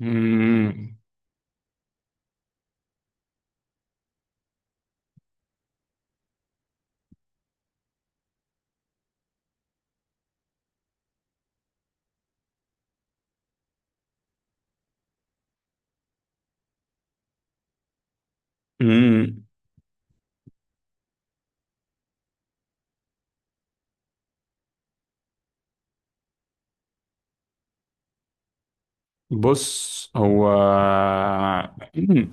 مم. مم. بص هو مم.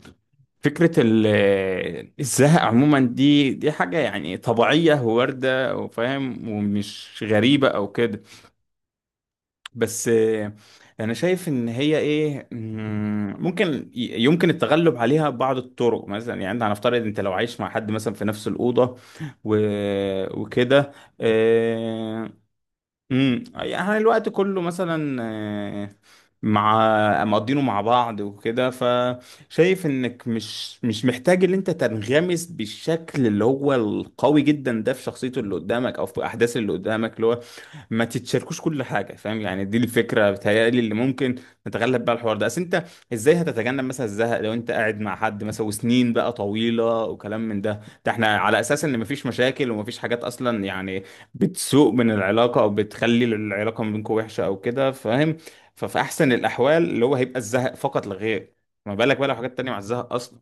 فكرة الزهق عموما دي حاجة، يعني طبيعية وواردة وفاهم ومش غريبة أو كده. بس أنا شايف إن هي إيه، ممكن يمكن التغلب عليها ببعض الطرق. مثلا يعني أنت، هنفترض أنت لو عايش مع حد مثلا في نفس الأوضة و... وكده. آه، يعني الوقت كله مثلا، مع مقضينه مع بعض وكده، فشايف انك مش محتاج ان انت تنغمس بالشكل اللي هو القوي جدا ده في شخصيته اللي قدامك او في احداث اللي قدامك، اللي هو ما تتشاركوش كل حاجه فاهم. يعني دي الفكره بتهيألي اللي ممكن نتغلب بقى الحوار ده، اصل انت ازاي هتتجنب مثلا الزهق لو انت قاعد مع حد مثلا وسنين بقى طويله وكلام من ده؟ ده احنا على اساس ان مفيش مشاكل ومفيش حاجات اصلا يعني بتسوء من العلاقه او بتخلي العلاقه ما بينكم وحشه او كده فاهم. ففي احسن الاحوال اللي هو هيبقى الزهق فقط لا غير، ما بالك بقى لو حاجات تانية مع الزهق اصلا.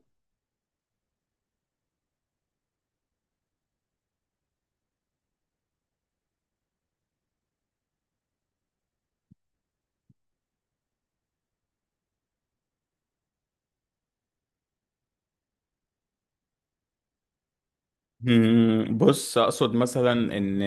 بص، اقصد مثلا ان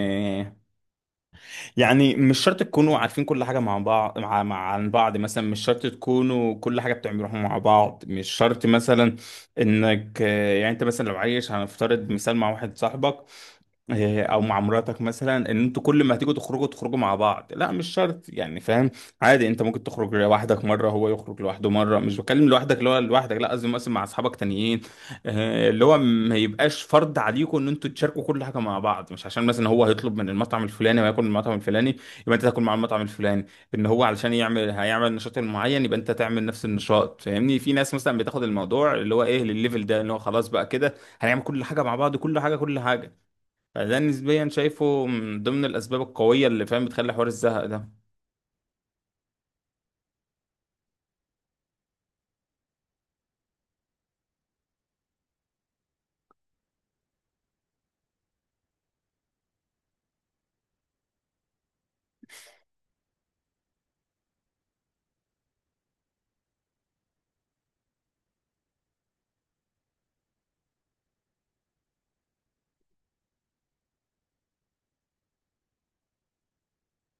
يعني مش شرط تكونوا عارفين كل حاجه مع بعض، مع عن بعض مثلا، مش شرط تكونوا كل حاجه بتعملوها مع بعض، مش شرط مثلا انك يعني انت مثلا لو عايش، هنفترض مثال، مع واحد صاحبك او مع مراتك مثلا، ان انتوا كل ما هتيجوا تخرجوا تخرجوا مع بعض لا مش شرط يعني فاهم. عادي، انت ممكن تخرج لوحدك مره، هو يخرج لوحده مره، مش بتكلم لوحدك اللي هو لوحدك، لا قصدي مثلا مع اصحابك تانيين. اللي هو ما يبقاش فرض عليكم ان انتوا تشاركوا كل حاجه مع بعض، مش عشان مثلا هو هيطلب من المطعم الفلاني وياكل من المطعم الفلاني يبقى انت تاكل مع المطعم الفلاني، ان هو علشان يعمل هيعمل النشاط المعين يبقى انت تعمل نفس النشاط فاهمني. في ناس مثلا بتاخد الموضوع اللي هو ايه للليفل ده اللي هو خلاص بقى كده، هنعمل كل حاجه مع بعض، كل حاجه كل حاجه. فده نسبيا شايفه من ضمن الأسباب القوية اللي فاهم بتخلي حوار الزهق ده.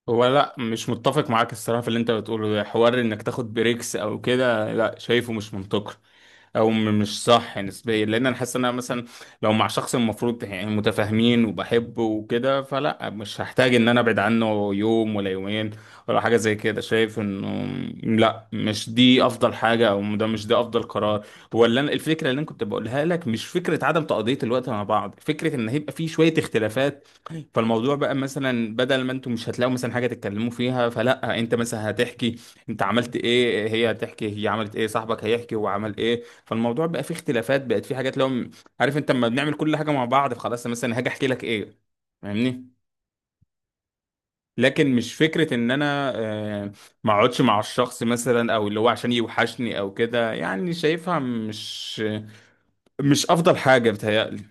هو لا، مش متفق معاك الصراحة في اللي انت بتقوله ده، حوار انك تاخد بريكس او كده، لا شايفه مش منطقي او مش صح نسبيا. لان انا حاسس ان انا مثلا لو مع شخص المفروض يعني متفاهمين وبحبه وكده، فلا مش هحتاج ان انا ابعد عنه يوم ولا يومين ولا حاجه زي كده. شايف انه لا مش دي افضل حاجه، او ده مش ده افضل قرار. ولا الفكره اللي انا كنت بقولها لك مش فكره عدم تقضيه الوقت مع بعض، فكره ان هيبقى في شويه اختلافات. فالموضوع بقى مثلا بدل ما انتم مش هتلاقوا مثلا حاجه تتكلموا فيها، فلا انت مثلا هتحكي انت عملت ايه، هي هتحكي هي عملت ايه، صاحبك هيحكي هو عمل ايه. فالموضوع بقى فيه اختلافات، بقت فيه حاجات. لو عارف انت لما بنعمل كل حاجه مع بعض فخلاص مثلا هاجي احكي لك ايه؟ فاهمني. لكن مش فكره ان انا ما اقعدش مع الشخص مثلا او اللي هو عشان يوحشني او كده، يعني شايفها مش افضل حاجه بتهيألي.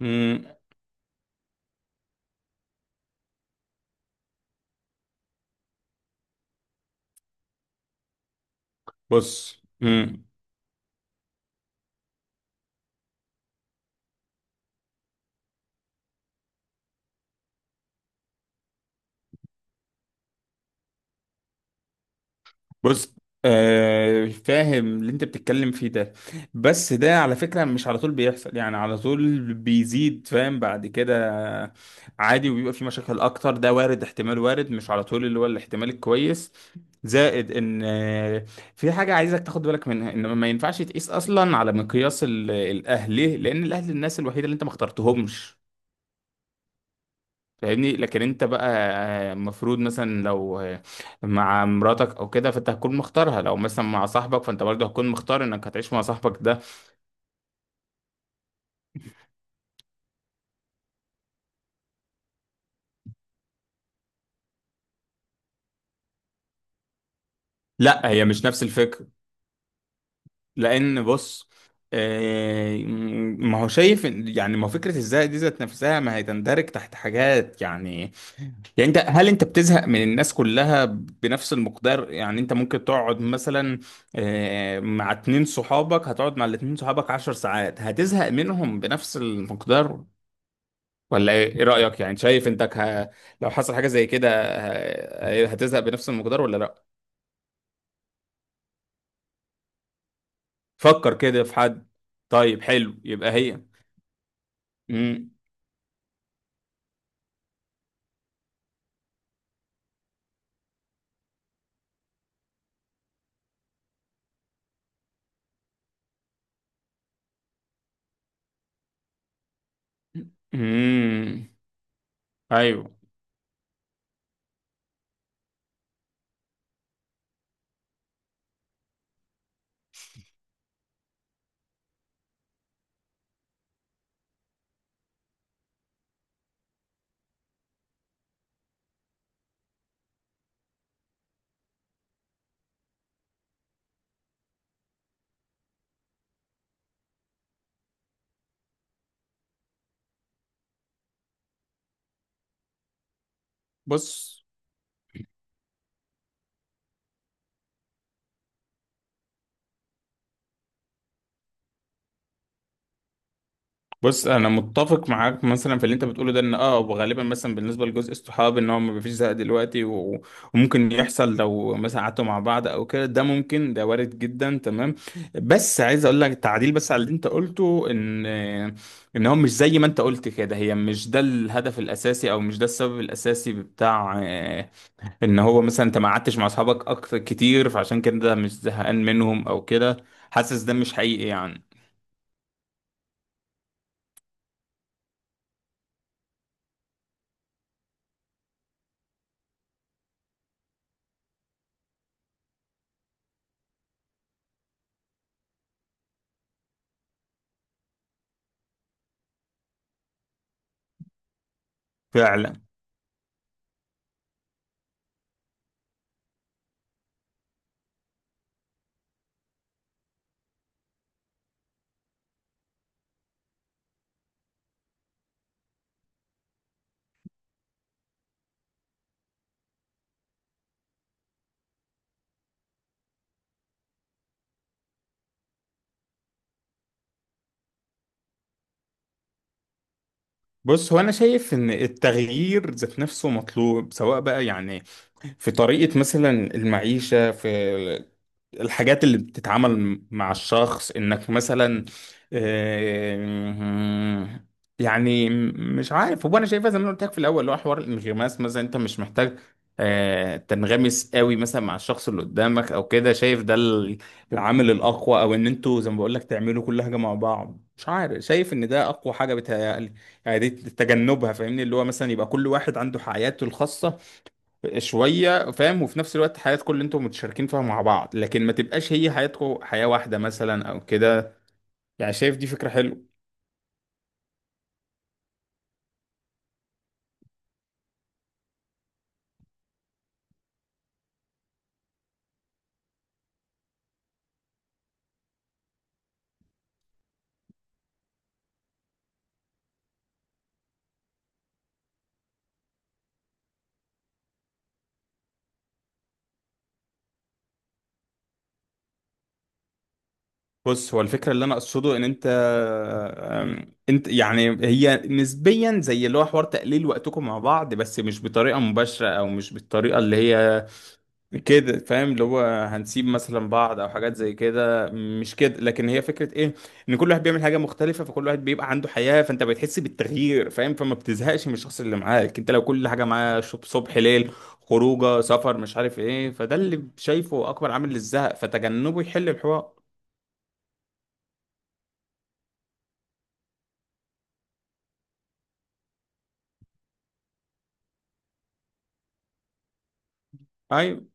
امم. بص بص، فاهم اللي انت بتتكلم فيه ده، بس ده على فكرة مش على طول بيحصل يعني، على طول بيزيد فاهم بعد كده عادي وبيبقى في مشاكل اكتر. ده وارد، احتمال وارد، مش على طول اللي هو الاحتمال الكويس. زائد ان في حاجة عايزك تاخد بالك منها، ان ما ينفعش تقيس اصلا على مقياس الاهل. ليه؟ لان الاهل الناس الوحيدة اللي انت ما اخترتهمش فاهمني. لكن انت بقى المفروض مثلا لو مع مراتك او كده فانت هتكون مختارها، لو مثلا مع صاحبك فانت برضه هتكون مختار انك هتعيش مع صاحبك ده. لا هي مش نفس الفكر، لان بص آه، ما هو شايف يعني ما هو فكرة الزهق دي ذات نفسها ما هي تندرج تحت حاجات يعني. يعني انت، هل انت بتزهق من الناس كلها بنفس المقدار؟ يعني انت ممكن تقعد مثلا مع اتنين صحابك، هتقعد مع الاتنين صحابك عشر ساعات، هتزهق منهم بنفس المقدار ولا ايه، رأيك يعني؟ شايف انك لو حصل حاجة زي كده هتزهق بنفس المقدار ولا لا؟ فكر كده في حد. طيب حلو، يبقى هي. امم. امم. ايوه. بص بص، انا متفق معاك مثلا في اللي انت بتقوله ده، ان اه وغالبا مثلا بالنسبه لجزء الصحاب ان هو ما فيش زهق دلوقتي وممكن يحصل لو مثلا قعدتوا مع بعض او كده، ده ممكن، ده وارد جدا تمام. بس عايز اقول لك تعديل بس على اللي انت قلته، ان هو مش زي ما انت قلت كده، هي مش ده الهدف الاساسي او مش ده السبب الاساسي بتاع ان هو مثلا انت ما قعدتش مع اصحابك اكتر كتير فعشان كده مش زهقان منهم او كده. حاسس ده مش حقيقي يعني. فعلا. بص هو، انا شايف ان التغيير ذات نفسه مطلوب سواء بقى يعني في طريقة مثلا المعيشة، في الحاجات اللي بتتعامل مع الشخص انك مثلا آه، يعني مش عارف، هو انا شايفها زي ما أنا قلت لك في الاول اللي هو حوار الانغماس. مثلا انت مش محتاج تنغمس قوي مثلا مع الشخص اللي قدامك او كده. شايف ده العامل الاقوى، او ان انتوا زي ما بقول لك تعملوا كل حاجة مع بعض. مش عارف، شايف ان ده اقوى حاجة بتهيألي. يعني دي تجنبها فاهمني، اللي هو مثلا يبقى كل واحد عنده حياته الخاصة شويه فاهم، وفي نفس الوقت حياتكم اللي انتم متشاركين فيها مع بعض، لكن ما تبقاش هي حياتكم حياه واحده مثلا او كده. يعني شايف دي فكره حلوه. بص هو الفكره اللي انا اقصده، ان انت انت يعني هي نسبيا زي اللي هو حوار تقليل وقتكم مع بعض، بس مش بطريقه مباشره او مش بالطريقه اللي هي كده فاهم، اللي هو هنسيب مثلا بعض او حاجات زي كده، مش كده. لكن هي فكره ايه ان كل واحد بيعمل حاجه مختلفه فكل واحد بيبقى عنده حياه، فانت بتحس بالتغيير فاهم، فما بتزهقش من الشخص اللي معاك. انت لو كل حاجه معاه صبح ليل، خروجه سفر مش عارف ايه، فده اللي شايفه اكبر عامل للزهق، فتجنبه يحل الحوار. ايوه.